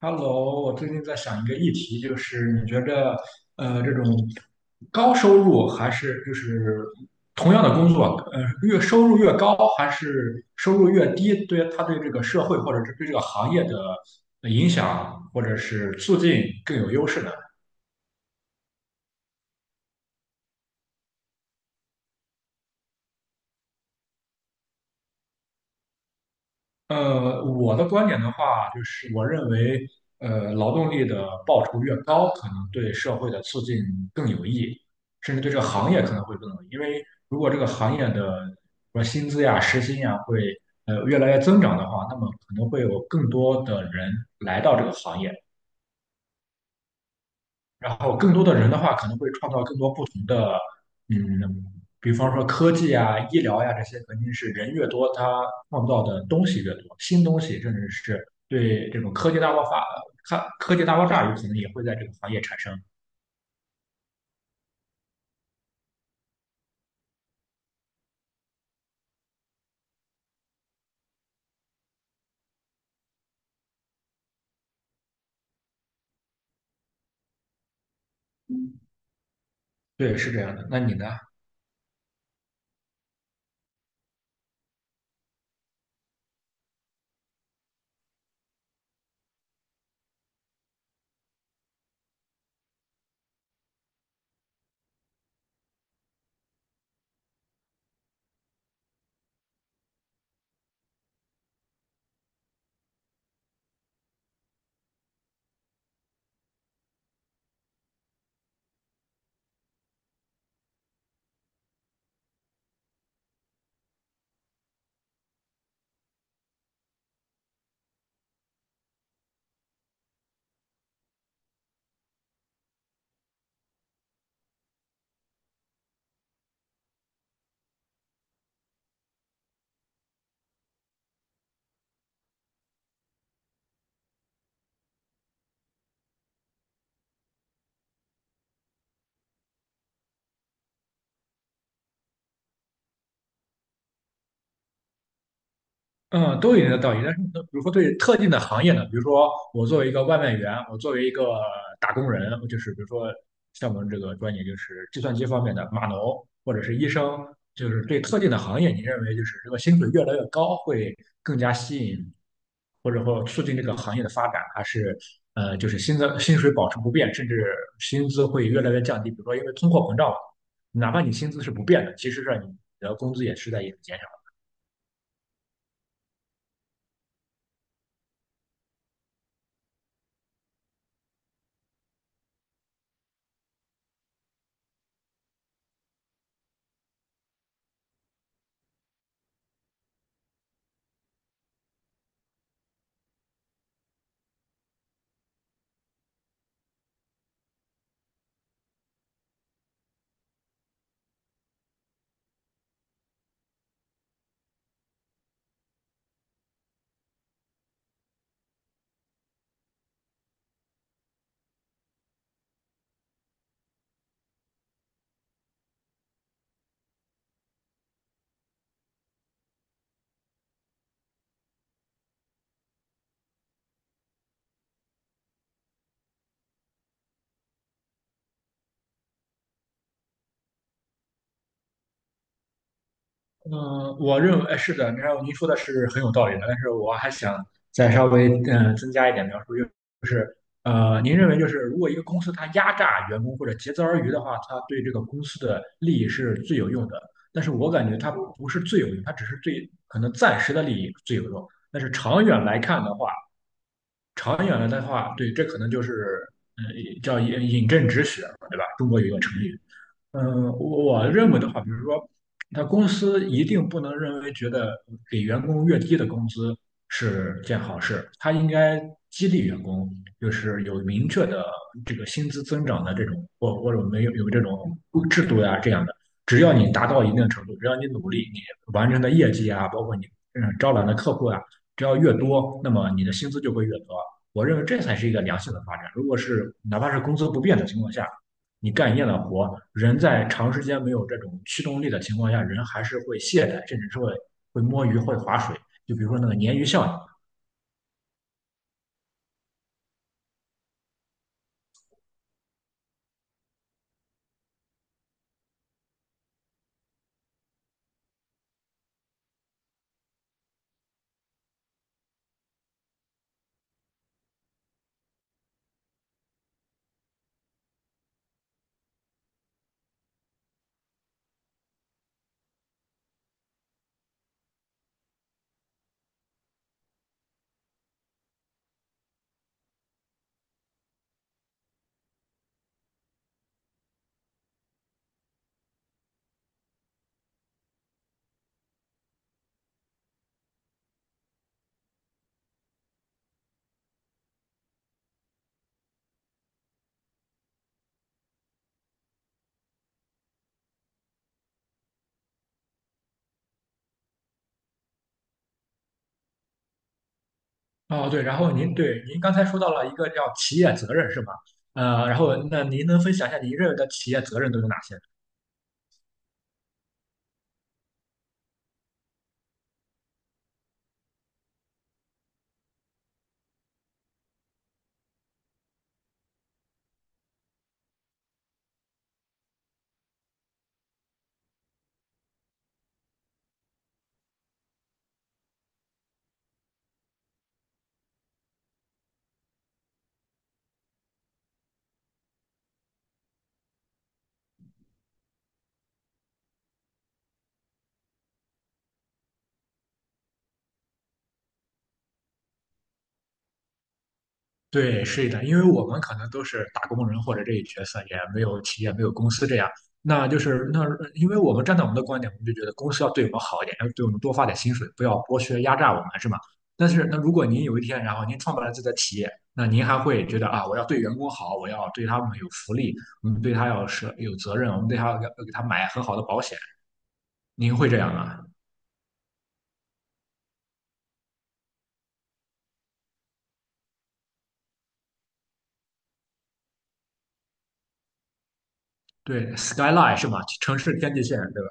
Hello，我最近在想一个议题，就是你觉着，这种高收入还是就是同样的工作，越收入越高还是收入越低，对他对这个社会或者是对这个行业的影响，或者是促进更有优势呢？我的观点的话，就是我认为，劳动力的报酬越高，可能对社会的促进更有益，甚至对这个行业可能会更有益。因为如果这个行业的说薪资呀、时薪呀会越来越增长的话，那么可能会有更多的人来到这个行业，然后更多的人的话，可能会创造更多不同的，嗯，比方说科技啊、医疗呀、这些，肯定是人越多，它创造的东西越多，新东西，甚至是对这种科技大爆发、科技大爆炸，有可能也会在这个行业产生。对，是这样的。那你呢？嗯，都有一定的道理。但是，比如说对特定的行业呢，比如说我作为一个外卖员，我作为一个打工人，就是比如说像我们这个专业就是计算机方面的码农或者是医生，就是对特定的行业，你认为就是这个薪水越来越高，会更加吸引或者说促进这个行业的发展，还是就是薪水保持不变，甚至薪资会越来越降低？比如说因为通货膨胀，哪怕你薪资是不变的，其实上你的工资也是在一直减少。嗯，我认为哎是的，然后您说的是很有道理的，但是我还想再稍微增加一点描述，就是您认为就是如果一个公司它压榨员工或者竭泽而渔的话，它对这个公司的利益是最有用的，但是我感觉它不是最有用，它只是最可能暂时的利益最有用，但是长远来看的话，长远了的话，对，这可能就是嗯，叫引证止血，对吧？中国有一个成语。嗯，我认为的话，比如说，他公司一定不能认为觉得给员工越低的工资是件好事，他应该激励员工，就是有明确的这个薪资增长的这种，或者没有有这种制度呀、这样的。只要你达到一定程度，只要你努力，你完成的业绩啊，包括你嗯招揽的客户啊，只要越多，那么你的薪资就会越多。我认为这才是一个良性的发展。如果是哪怕是工资不变的情况下，你干一样的活，人在长时间没有这种驱动力的情况下，人还是会懈怠，甚至是会摸鱼、会划水。就比如说那个鲶鱼效应。哦，对，然后您对您刚才说到了一个叫企业责任是吧？然后那您能分享一下您认为的企业责任都有哪些？对，是的，因为我们可能都是打工人或者这一角色，也没有企业，没有公司这样。那就是那，因为我们站在我们的观点，我们就觉得公司要对我们好一点，要对我们多发点薪水，不要剥削压榨我们，是吗？但是，那如果您有一天，然后您创办了自己的企业，那您还会觉得啊，我要对员工好，我要对他们有福利，我们对他要是有责任，我们对他要给他买很好的保险，您会这样吗？对，skyline 是吗？城市天际线，对吧？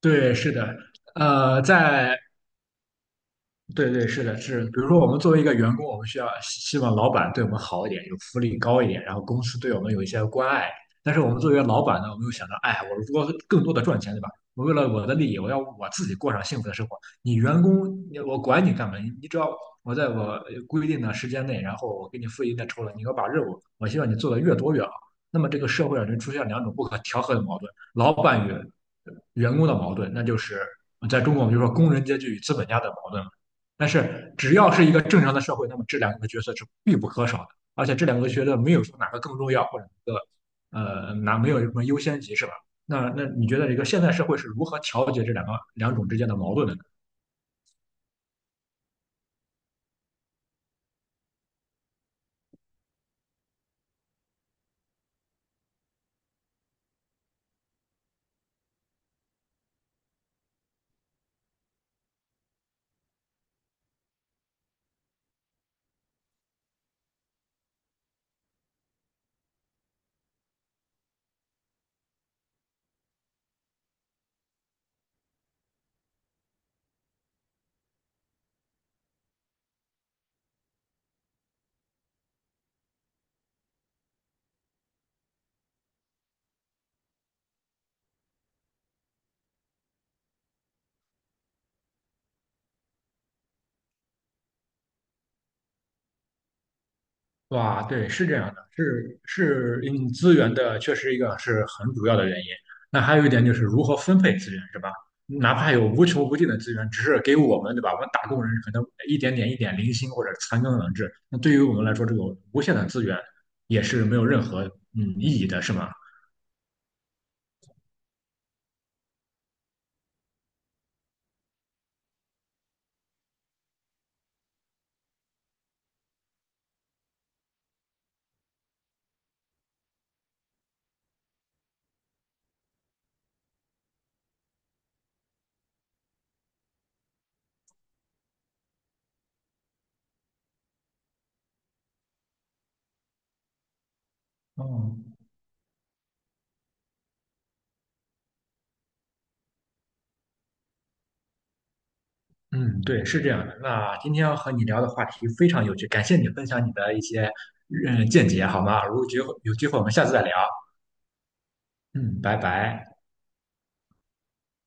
对，是的。呃，在对对，是的，是。比如说，我们作为一个员工，我们需要希望老板对我们好一点，有福利高一点，然后公司对我们有一些关爱。但是我们作为老板呢，我们又想着，哎，我如果更多的赚钱，对吧？我为了我的利益，我要我自己过上幸福的生活。你员工，你我管你干嘛？你只要我在规定的时间内，然后我给你付一定的酬劳，你给我把任务，我希望你做的越多越好。那么这个社会上就出现两种不可调和的矛盾：老板与员工的矛盾，那就是在中国我们就说工人阶级与资本家的矛盾。但是只要是一个正常的社会，那么这两个角色是必不可少的，而且这两个角色没有说哪个更重要或者哪个没有什么优先级是吧？那那你觉得一个现代社会是如何调节这两种之间的矛盾的？哇，对，是这样的，是是，嗯，资源的确实一个是很主要的原因。那还有一点就是如何分配资源，是吧？哪怕有无穷无尽的资源，只是给我们，对吧？我们打工人可能一点点、一点零星或者残羹冷炙。那对于我们来说，这种无限的资源也是没有任何意义的，是吗？哦，嗯，对，是这样的。那今天要和你聊的话题非常有趣，感谢你分享你的一些见解，好吗？如果有机会，我们下次再聊。嗯，拜拜。